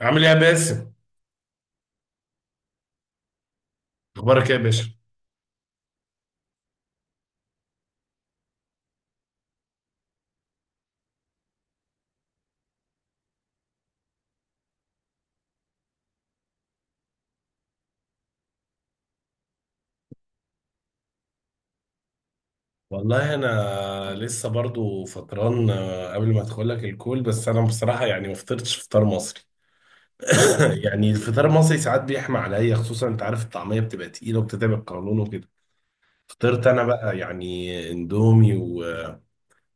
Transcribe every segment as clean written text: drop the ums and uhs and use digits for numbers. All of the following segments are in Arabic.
عامل ايه يا باسم؟ اخبارك ايه يا باشا؟ والله انا الحمد لسه برضو فطران، قبل ما ادخل لك الكول. بس انا بصراحه يعني ما فطرتش فطار مصري. يعني الفطار المصري ساعات بيحمى عليا، خصوصا انت عارف الطعميه بتبقى تقيله وبتتعب القولون وكده. فطرت انا بقى يعني اندومي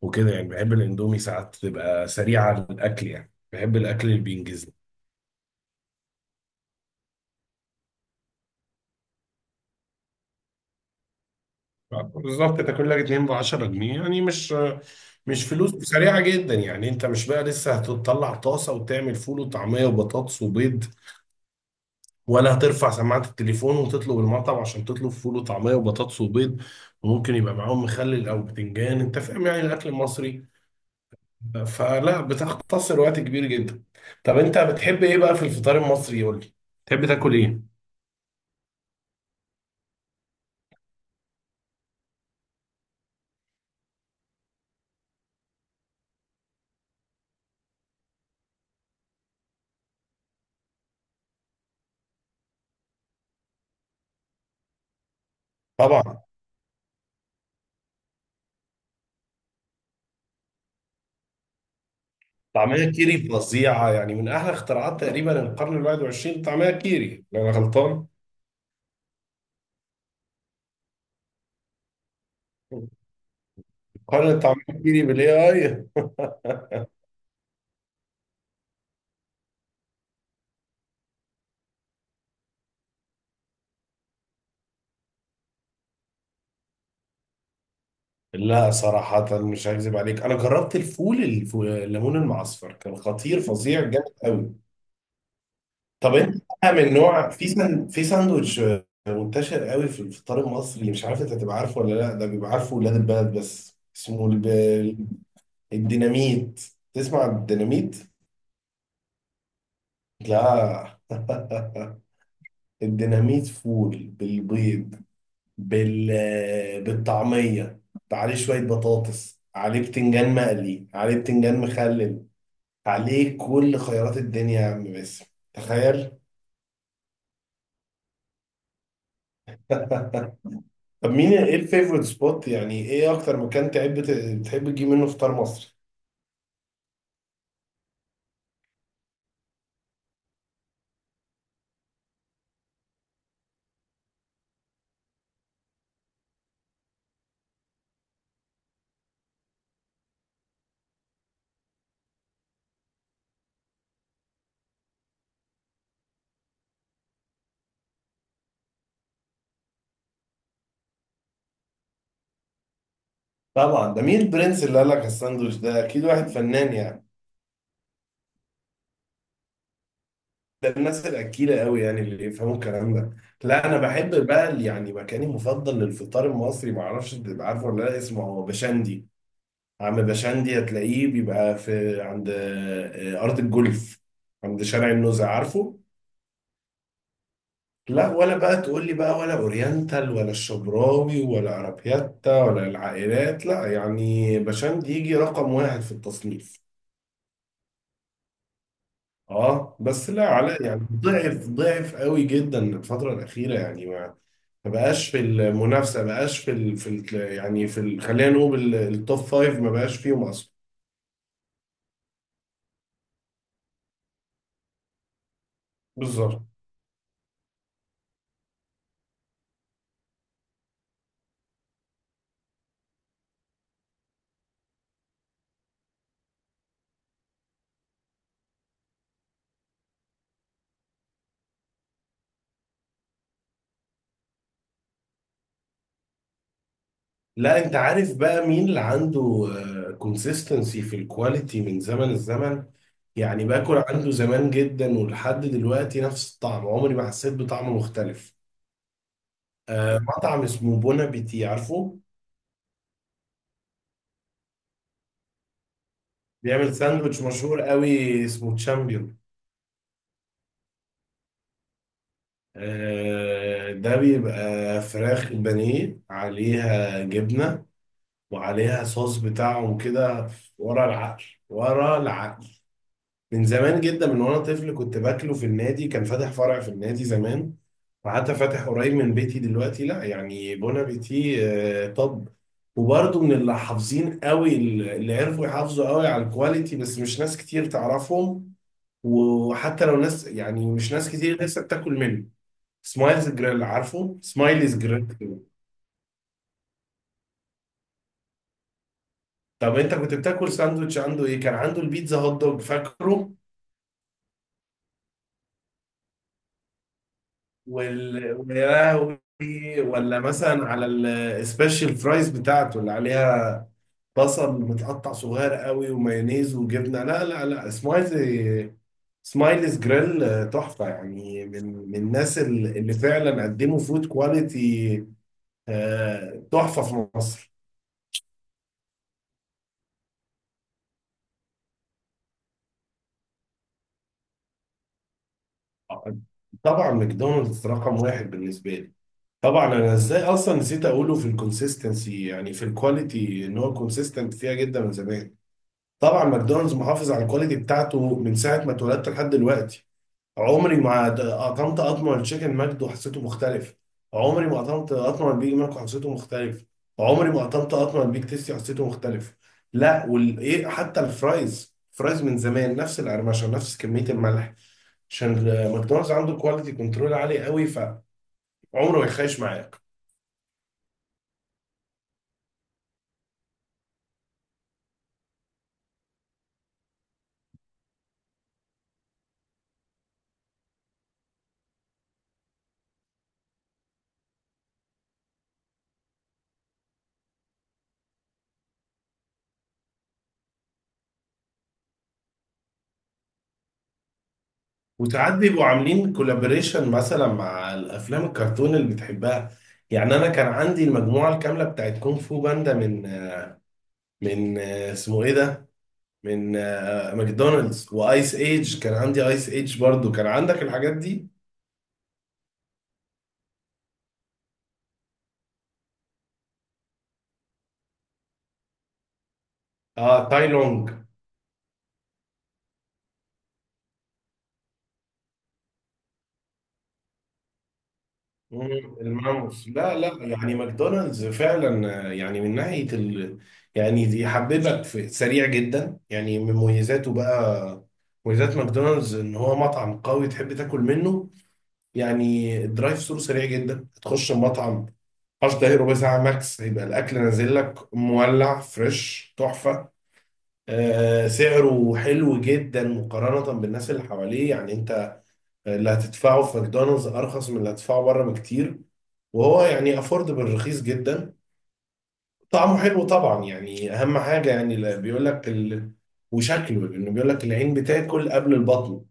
وكده. يعني بحب الاندومي، ساعات تبقى سريعه الاكل، يعني بحب الاكل اللي بينجزني بالظبط. تاكل لك 2 ب 10 جنيه، يعني مش فلوس سريعه جدا. يعني انت مش بقى لسه هتطلع طاسه وتعمل فول وطعميه وبطاطس وبيض، ولا هترفع سماعه التليفون وتطلب المطعم عشان تطلب فول وطعميه وبطاطس وبيض، وممكن يبقى معاهم مخلل او بتنجان. انت فاهم يعني الاكل المصري فلا بتختصر وقت كبير جدا. طب انت بتحب ايه بقى في الفطار المصري؟ قول لي، تحب تاكل ايه؟ طبعا طعمية كيري فظيعة، يعني من أحلى اختراعات تقريبا القرن ال 21، طعمية كيري لو أنا غلطان. قارن طعمية كيري بالإي آي. لا صراحة مش هكذب عليك، أنا جربت الفول الليمون المعصفر، كان خطير، فظيع، جامد قوي. طب أنت بقى من نوع في ساندوتش منتشر قوي في الفطار المصري، مش عارف أنت هتبقى عارفه ولا لا، ده بيبقى عارفه ولاد البلد، بس اسمه الديناميت. تسمع عن الديناميت؟ لا. الديناميت فول بالبيض، بالطعمية، عليه شوية بطاطس، عليه بتنجان مقلي، عليه بتنجان مخلل، عليه كل خيارات الدنيا يا عم باسم. تخيل. طب مين ايه الفيفورت سبوت، يعني ايه اكتر مكان تحب تحب تجيب منه فطار مصري؟ طبعا ده مين البرنس اللي قال لك الساندوتش ده؟ اكيد واحد فنان يعني. ده الناس الأكيلة قوي يعني، اللي يفهموا الكلام ده. لا أنا بحب بقى يعني مكاني المفضل للفطار المصري، معرفش تبقى عارفه ولا لا، اسمه هو بشندي. عم بشندي هتلاقيه بيبقى في عند، أرض الجولف، عند شارع النزهة، عارفه؟ لا ولا بقى تقول لي بقى، ولا أورينتال، ولا الشبراوي، ولا عربياتا، ولا العائلات، لا يعني بشندي يجي رقم واحد في التصنيف. اه بس لا علاء يعني ضعف ضعف قوي جدا الفترة الأخيرة يعني. ما بقاش في المنافسه، ما بقاش في خلينا نقول ال- التوب فايف، ما بقاش فيهم اصلا. بالظبط. لا انت عارف بقى مين اللي عنده كونسيستنسي في الكواليتي من زمن الزمن؟ يعني باكل عنده زمان جدا ولحد دلوقتي نفس الطعم، عمري ما حسيت بطعم مختلف. آه، مطعم اسمه بونا بيتي، عارفه؟ بيعمل ساندوتش مشهور قوي اسمه تشامبيون. آه ده بيبقى فراخ بانيه عليها جبنة، وعليها صوص بتاعهم كده. ورا العقل ورا العقل، من زمان جدا من وانا طفل كنت باكله في النادي، كان فاتح فرع في النادي زمان، وحتى فاتح قريب من بيتي دلوقتي. لا يعني بون ابيتي، طب، وبرضه من اللي حافظين قوي، اللي عرفوا يحافظوا قوي على الكواليتي، بس مش ناس كتير تعرفهم. وحتى لو ناس يعني مش ناس كتير، لسه بتاكل منه. سمايلز جريل، عارفه سمايلز جريل؟ طب انت كنت بتاكل ساندوتش عنده ايه؟ كان عنده البيتزا هوت دوج، فاكره؟ ويا لهوي ولا مثلا على السبيشال فرايز بتاعته اللي عليها بصل متقطع صغير قوي ومايونيز وجبنه؟ لا لا لا، سمايلي، سمايليز جريل، تحفه يعني، من الناس اللي فعلا قدموا فود كواليتي، تحفه في مصر. طبعا ماكدونالدز رقم واحد بالنسبه لي. طبعا انا ازاي اصلا نسيت اقوله في الكونسيستنسي يعني في الكواليتي، ان هو كونسيستنت فيها جدا من زمان. طبعا ماكدونالدز محافظ على الكواليتي بتاعته من ساعه ما اتولدت لحد دلوقتي. عمري ما قطمت قطمه التشيكن ماجد وحسيته مختلف، عمري ما قطمت قطمه البيج ماك وحسيته مختلف، عمري ما قطمت قطمه البيج تيستي وحسيته مختلف. لا وال ايه، حتى الفرايز، فرايز من زمان نفس القرمشه، نفس كميه الملح. عشان ماكدونالدز عنده كواليتي كنترول عالي قوي، فعمره ما يخيش معايا. وساعات بيبقوا عاملين كولابوريشن مثلا مع الافلام الكرتون اللي بتحبها. يعني انا كان عندي المجموعه الكامله بتاعت كونغ فو باندا من، من اسمه ايه ده، من ماكدونالدز، وايس ايج، كان عندي ايس ايج برضو، كان عندك الحاجات دي؟ اه تاي لونج. الماموس. لا لا يعني ماكدونالدز فعلا، يعني من ناحيه يعني يحببك في سريع جدا، يعني من مميزاته بقى، مميزات ماكدونالدز ان هو مطعم قوي تحب تاكل منه. يعني الدرايف ثرو سريع جدا، تخش المطعم 10 دقايق ربع ساعة ماكس هيبقى الأكل نازل لك مولع فريش تحفة. آه سعره حلو جدا مقارنة بالناس اللي حواليه، يعني أنت اللي هتدفعه في ماكدونالدز أرخص من اللي هتدفعه بره بكتير، وهو يعني أفوردبل، رخيص جدا. طعمه حلو طبعا يعني أهم حاجة، يعني اللي بيقول لك وشكله، لأنه بيقول لك العين بتاكل قبل البطن.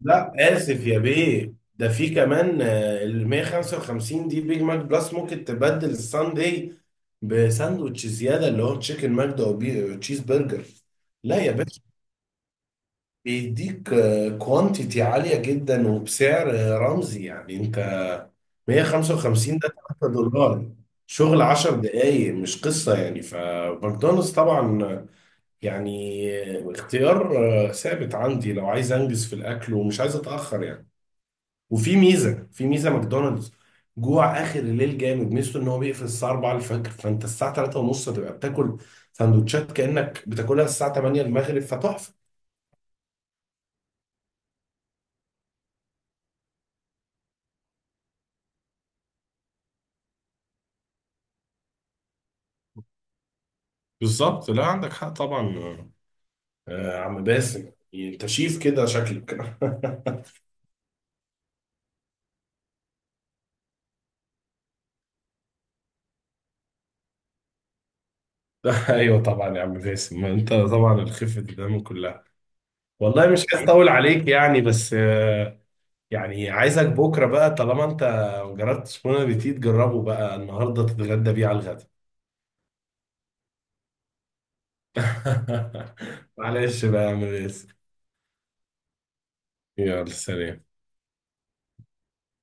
لا اسف يا بيه، ده في كمان، ال 155 دي بيج ماك بلس، ممكن تبدل الساندي بساندوتش زياده اللي هو تشيكن ماجدا وتشيز برجر. لا يا باشا، بيديك كوانتيتي عاليه جدا، وبسعر، رمزي يعني. انت 155 ده 3 دولار، شغل 10 دقايق، مش قصه. يعني فماكدونالدز طبعا يعني، اختيار، ثابت عندي لو عايز انجز في الاكل ومش عايز اتاخر يعني. وفي ميزه، في ميزه ماكدونالدز جوع اخر الليل جامد، ميزته ان هو بيقفل الساعه 4 الفجر، فانت الساعه 3 ونص تبقى بتاكل سندوتشات كانك بتاكلها الساعه 8 المغرب، فتحفه. بالظبط. لا عندك حق طبعا. آه عم باسم انت شيف كده شكلك. ايوه طبعا يا عم باسم، ما انت طبعا الخفه الدم كلها. والله مش عايز اطول عليك يعني، بس يعني عايزك بكره بقى طالما انت ما جربتش بون ابيتيت، جربه بقى النهارده، تتغدى بيه على الغدا. معلش بقى يا عم ياسر. يلا سلام.